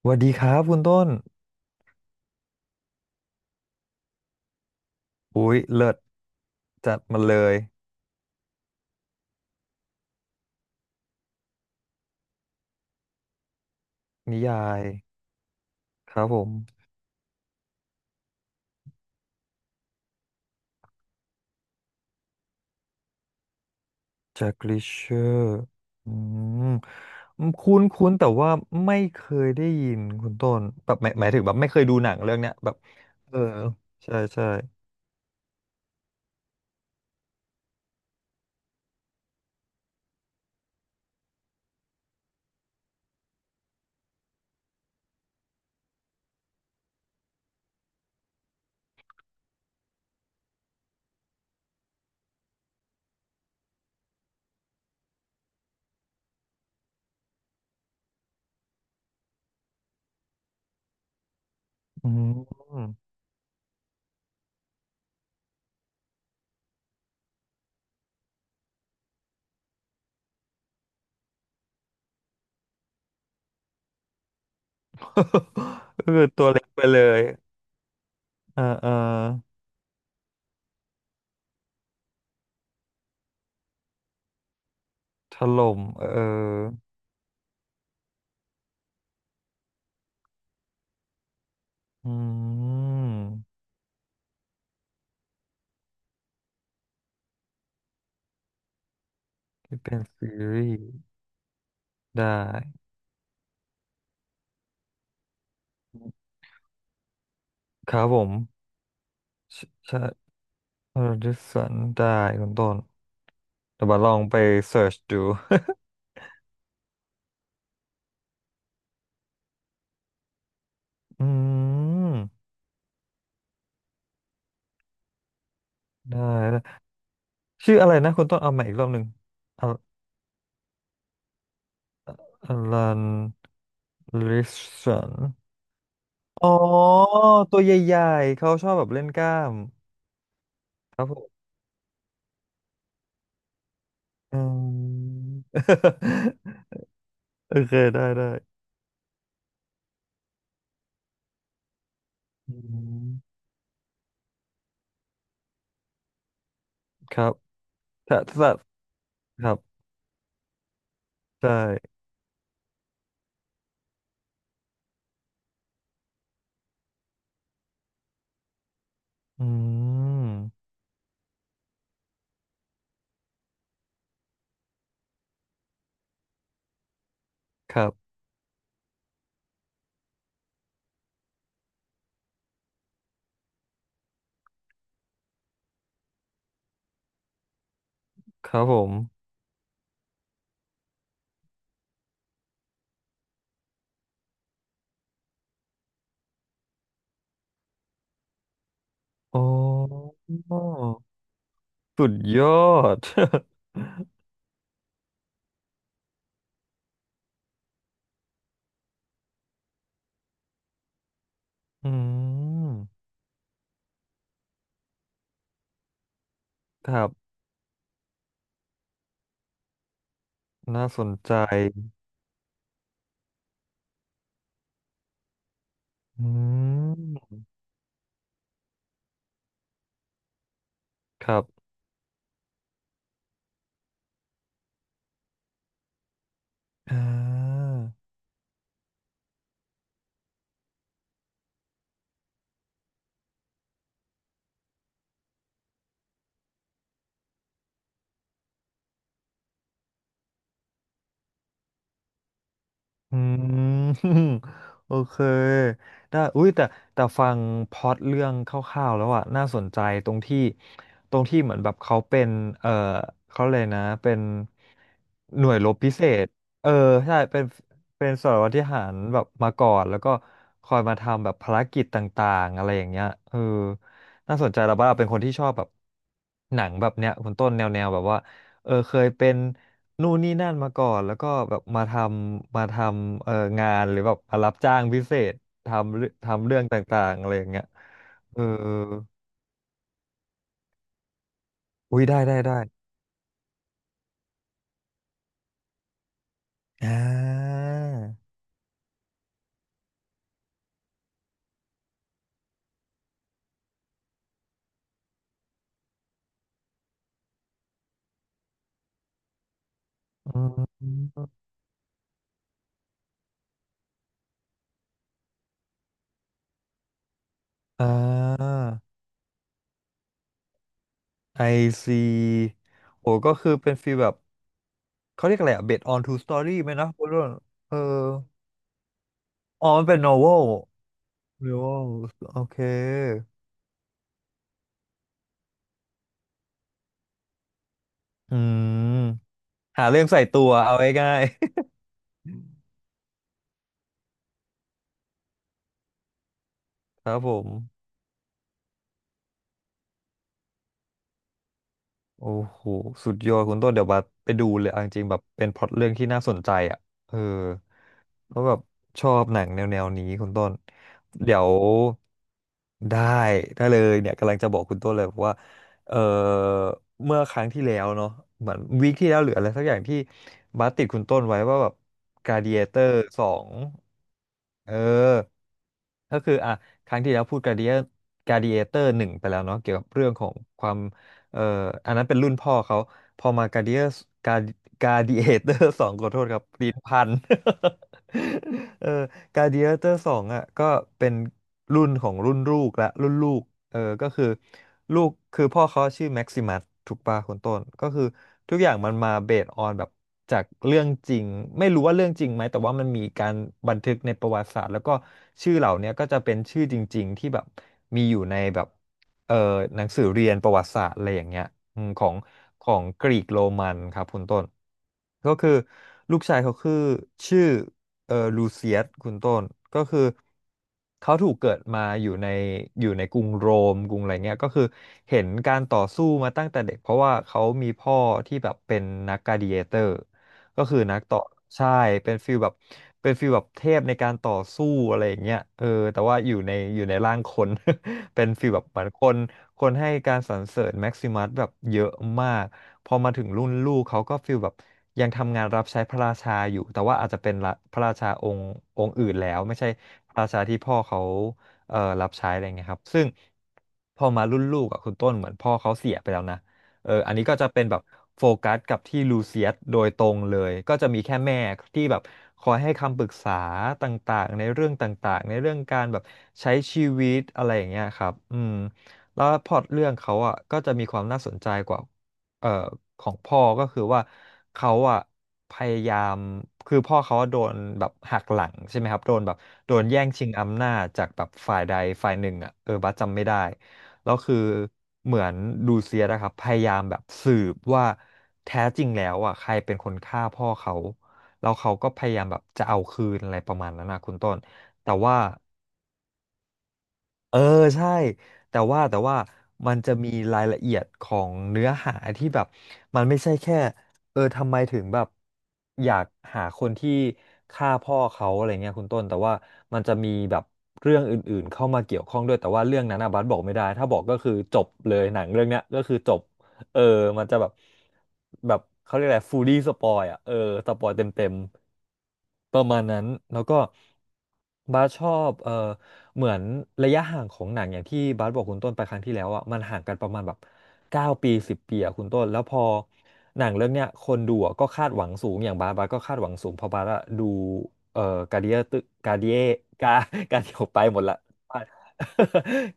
สวัสดีครับคุณต้นอุ๊ยเลิศจัดมาเลยนิยายครับผมแจ็คลิเชอร์อืมคุ้นคุ้นแต่ว่าไม่เคยได้ยินคุณต้นแบบหมายถึงแบบไม่เคยดูหนังเรื่องเนี้ยแบบเออใช่ใช่อืม เออตัวเล็กไปเลยเออเออถล่มเอออืมที่เป็นซีรีส์ได้ครับผมใช่ เออดิสันได้คุณต้นเดี๋ยวบัดลองไปเสิร์ชดู อืมได้ได้ชื่ออะไรนะคุณต้นเอามาอีกรอบหนึ่งอลันลิสันอ๋อตัวใหญ่ๆเขาชอบแบบเล่นกล้ามครับผม อืม โอเคได้ได้อืมครับถ้าครับได่อืมครับครับผมโอ้สุดยอด อืมครับน่าสนใจอืมครับอ่า อืม โอเคได้อุ้ยแต่แต่ฟังพล็อตเรื่องคร่าวๆแล้วอะน่าสนใจตรงที่ตรงที่เหมือนแบบเขาเป็นเออเขาเลยกนะเป็นหน่วยรบพิเศษเออใช่เป็นสารวัตรทหารแบบมาก่อนแล้วก็คอยมาทำแบบภารกิจต่างๆอะไรอย่างเงี้ยเออน่าสนใจแล้วบ้างเราเป็นคนที่ชอบแบบหนังแบบเนี้ยคุณต้นแนวแนวแบบว่า เออเคยเป็นนู่นนี่นั่นมาก่อนแล้วก็แบบมาทำเอองานหรือแบบมารับจ้างพิเศษทำเรื่องต่างๆอะไรอย่างเงี้ยเอออุ้ยได้ได้ได้อ่าอืมอ่าไอซีโอ้ก็คือเป็นฟีลแบบเขาเรียกอะไรอะ based on true story ไหมนะพูดเรื่องเอออ๋อมันเป็น novel novel โอเคอืมหาเรื่องใส่ตัวเอาง่ายๆ ครับผม โอ้โหสุดยอดคุณต้นเดี๋ยวบัสไปดูเลยเอาจริงๆแบบเป็นพล็อตเรื่องที่น่าสนใจอ่ะเออเพราะแบบชอบหนังแนวแนวนี้คุณต้นเดี๋ยวได้ได้เลยเนี่ยกำลังจะบอกคุณต้นเลยว่าเออเมื่อครั้งที่แล้วเนาะเหมือนวีคที่แล้วหรืออะไรสักอย่างที่บัสติดคุณต้นไว้ว่าแบบกา a d เ a เตอร์สองเออก็คืออ่ะครั้งที่แล้วพูดกา a d เดียกา a d เ a เตอร์หนึ่งไปแล้วเนาะเกี่ยวกับเรื่องของความ เอ่ออันนั้นเป็นรุ่นพ่อเขาพอมาการ์เดียการการ์ดิเอเตอร์สองขอโทษครับปีพัน เออการ์ดิเอเตอร์สองอ่ะก็เป็นรุ่นของรุ่นลูกละรุ่นลูกเออก็คือลูกคือพ่อเขาชื่อแม็กซิมัสถูกป่ะคุณต้นก็คือทุกอย่างมันมาเบสออนแบบจากเรื่องจริงไม่รู้ว่าเรื่องจริงไหมแต่ว่ามันมีการบันทึกในประวัติศาสตร์แล้วก็ชื่อเหล่าเนี้ยก็จะเป็นชื่อจริงๆที่แบบมีอยู่ในแบบ เอ่อหนังสือเรียนประวัติศาสตร์อะไรอย่างเงี้ยอืมของของกรีกโรมันครับคุณต้นก็คือลูกชายเขาคือชื่อลูเซียสคุณต้นก็คือเขาถูกเกิดมาอยู่ในกรุงโรมกรุงอะไรเงี้ยก็คือเห็นการต่อสู้มาตั้งแต่เด็กเพราะว่าเขามีพ่อที่แบบเป็นนักกลาดิเอเตอร์ก็คือนักต่อใช่เป็นฟิลแบบเป็นฟิลแบบเทพในการต่อสู้อะไรอย่างเงี้ยเออแต่ว่าอยู่ในร่างคน เป็นฟีลแบบเหมือนคนคนให้การสรรเสริญแม็กซิมัสแบบเยอะมากพอมาถึงรุ่นลูกเขาก็ฟีลแบบยังทำงานรับใช้พระราชาอยู่แต่ว่าอาจจะเป็นละพระราชาองค์อื่นแล้วไม่ใช่พระราชาที่พ่อเขารับใช้อะไรเงี้ยครับซึ่งพอมารุ่นลูกอ่ะคุณต้นเหมือนพ่อเขาเสียไปแล้วนะ เอออันนี้ก็จะเป็นแบบโฟกัสกับที่ลูเซียสโดยตรงเลย ก็จะมีแค่แม่ที่แบบคอยให้คำปรึกษาต่างๆในเรื่องการแบบใช้ชีวิตอะไรอย่างเงี้ยครับอืมแล้วพล็อตเรื่องเขาอ่ะก็จะมีความน่าสนใจกว่าเอ่อของพ่อก็คือว่าเขาอ่ะพยายามคือพ่อเขาโดนแบบหักหลังใช่ไหมครับโดนแบบโดนแย่งชิงอำนาจจากแบบฝ่ายใดฝ่ายหนึ่งอ่ะเออบัสจำไม่ได้ แล้วคือเหมือนดูเซียสอะครับพยายามแบบสืบว่าแท้จริงแล้วอ่ะใครเป็นคนฆ่าพ่อเขาแล้วเขาก็พยายามแบบจะเอาคืนอะไรประมาณนั้นนะคุณต้นแต่ว่า เออใช่แต่ว่ามันจะมีรายละเอียดของเนื้อหาที่แบบมันไม่ใช่แค่ทำไมถึงแบบอยากหาคนที่ฆ่าพ่อเขาอะไรเงี้ยคุณต้นแต่ว่ามันจะมีแบบเรื่องอื่นๆเข้ามาเกี่ยวข้องด้วยแต่ว่าเรื่องนั้นนะบัสบอกไม่ได้ถ้าบอกก็คือจบเลยหนังเรื่องเนี้ยก็คือจบเออมันจะแบบเขาเรียกอะไรฟูลี่สปอยอ่ะสปอยเต็มๆประมาณนั้นแล้วก็บาสชอบเหมือนระยะห่างของหนังอย่างที่บาสบอกคุณต้นไปครั้งที่แล้วอ่ะมันห่างกันประมาณแบบ9 ปี10 ปีอ่ะคุณต้นแล้วพอหนังเรื่องเนี้ยคนดูอะก็คาดหวังสูงอย่างบาสก็คาดหวังสูงเพราะบาสอะดูเอ่อการ์เดียตึการ์เดียกา การที่ผมไปหมดละ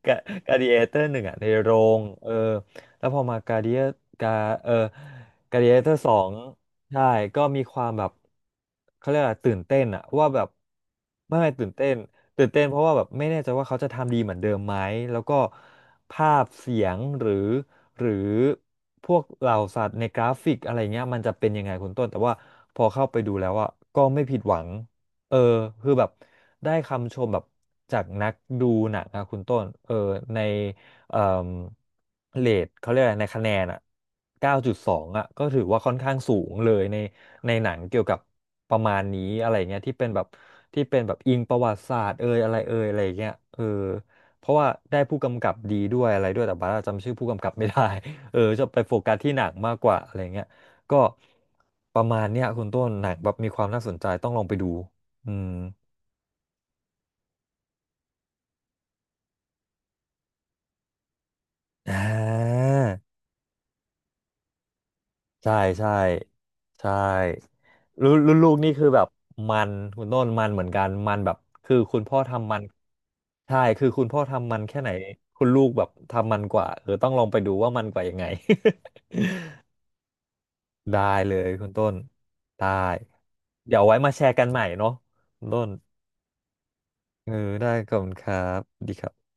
กาการ์ดิเอเตอร์1อ่ะในโรงแล้วพอมาการเออการ์ดิเอเตอร์สองใช่ก็มีความแบบเขาเรียกอะไรตื่นเต้นอ่ะว่าแบบไม่ไม่ตื่นเต้นตื่นเต้นเพราะว่าแบบไม่แน่ใจว่าเขาจะทำดีเหมือนเดิมไหมแล้วก็ภาพเสียงหรือหรือพวกเหล่าสัตว์ในกราฟิกอะไรเงี้ยมันจะเป็นยังไงคุณต้นแต่ว่าพอเข้าไปดูแล้วอ่ะก็ไม่ผิดหวัง เออคือแบบได้คำชมแบบจากนักดูหนังนะคุณต้นในเอ่อเรทเขาเรียกอะไรในคะแนนอ่ะ9.2อ่ะก็ถือว่าค่อนข้างสูงเลยในหนังเกี่ยวกับประมาณนี้อะไรเงี้ยที่เป็นแบบอิงประวัติศาสตร์เอยอะไรเอยอะไรเงี้ยเพราะว่าได้ผู้กำกับดีด้วยอะไรด้วยแต่บาร์าจำชื่อผู้กำกับไม่ได้ จะไปโฟกัสที่หนังมากกว่าอะไรเงี้ยก็ประมาณเนี้ยคุณต้นหนังแบบมีความน่าสนใจต้องลองไปดู อืมอ่าใช่ใช่ใช่รุ่นลูกนี่คือแบบมันคุณต้นมันเหมือนกันมันแบบคือคุณพ่อทำมันใช่คือคุณพ่อทำมันแค่ไหนคุณลูกแบบทำมันกว่าต้องลองไปดูว่ามันกว่ายังไง ได้เลยคุณต้นได้เดี๋ยวไว้มาแชร์กันใหม่เนาะคุณต้นเออได้ขอบคุณครับดีครับ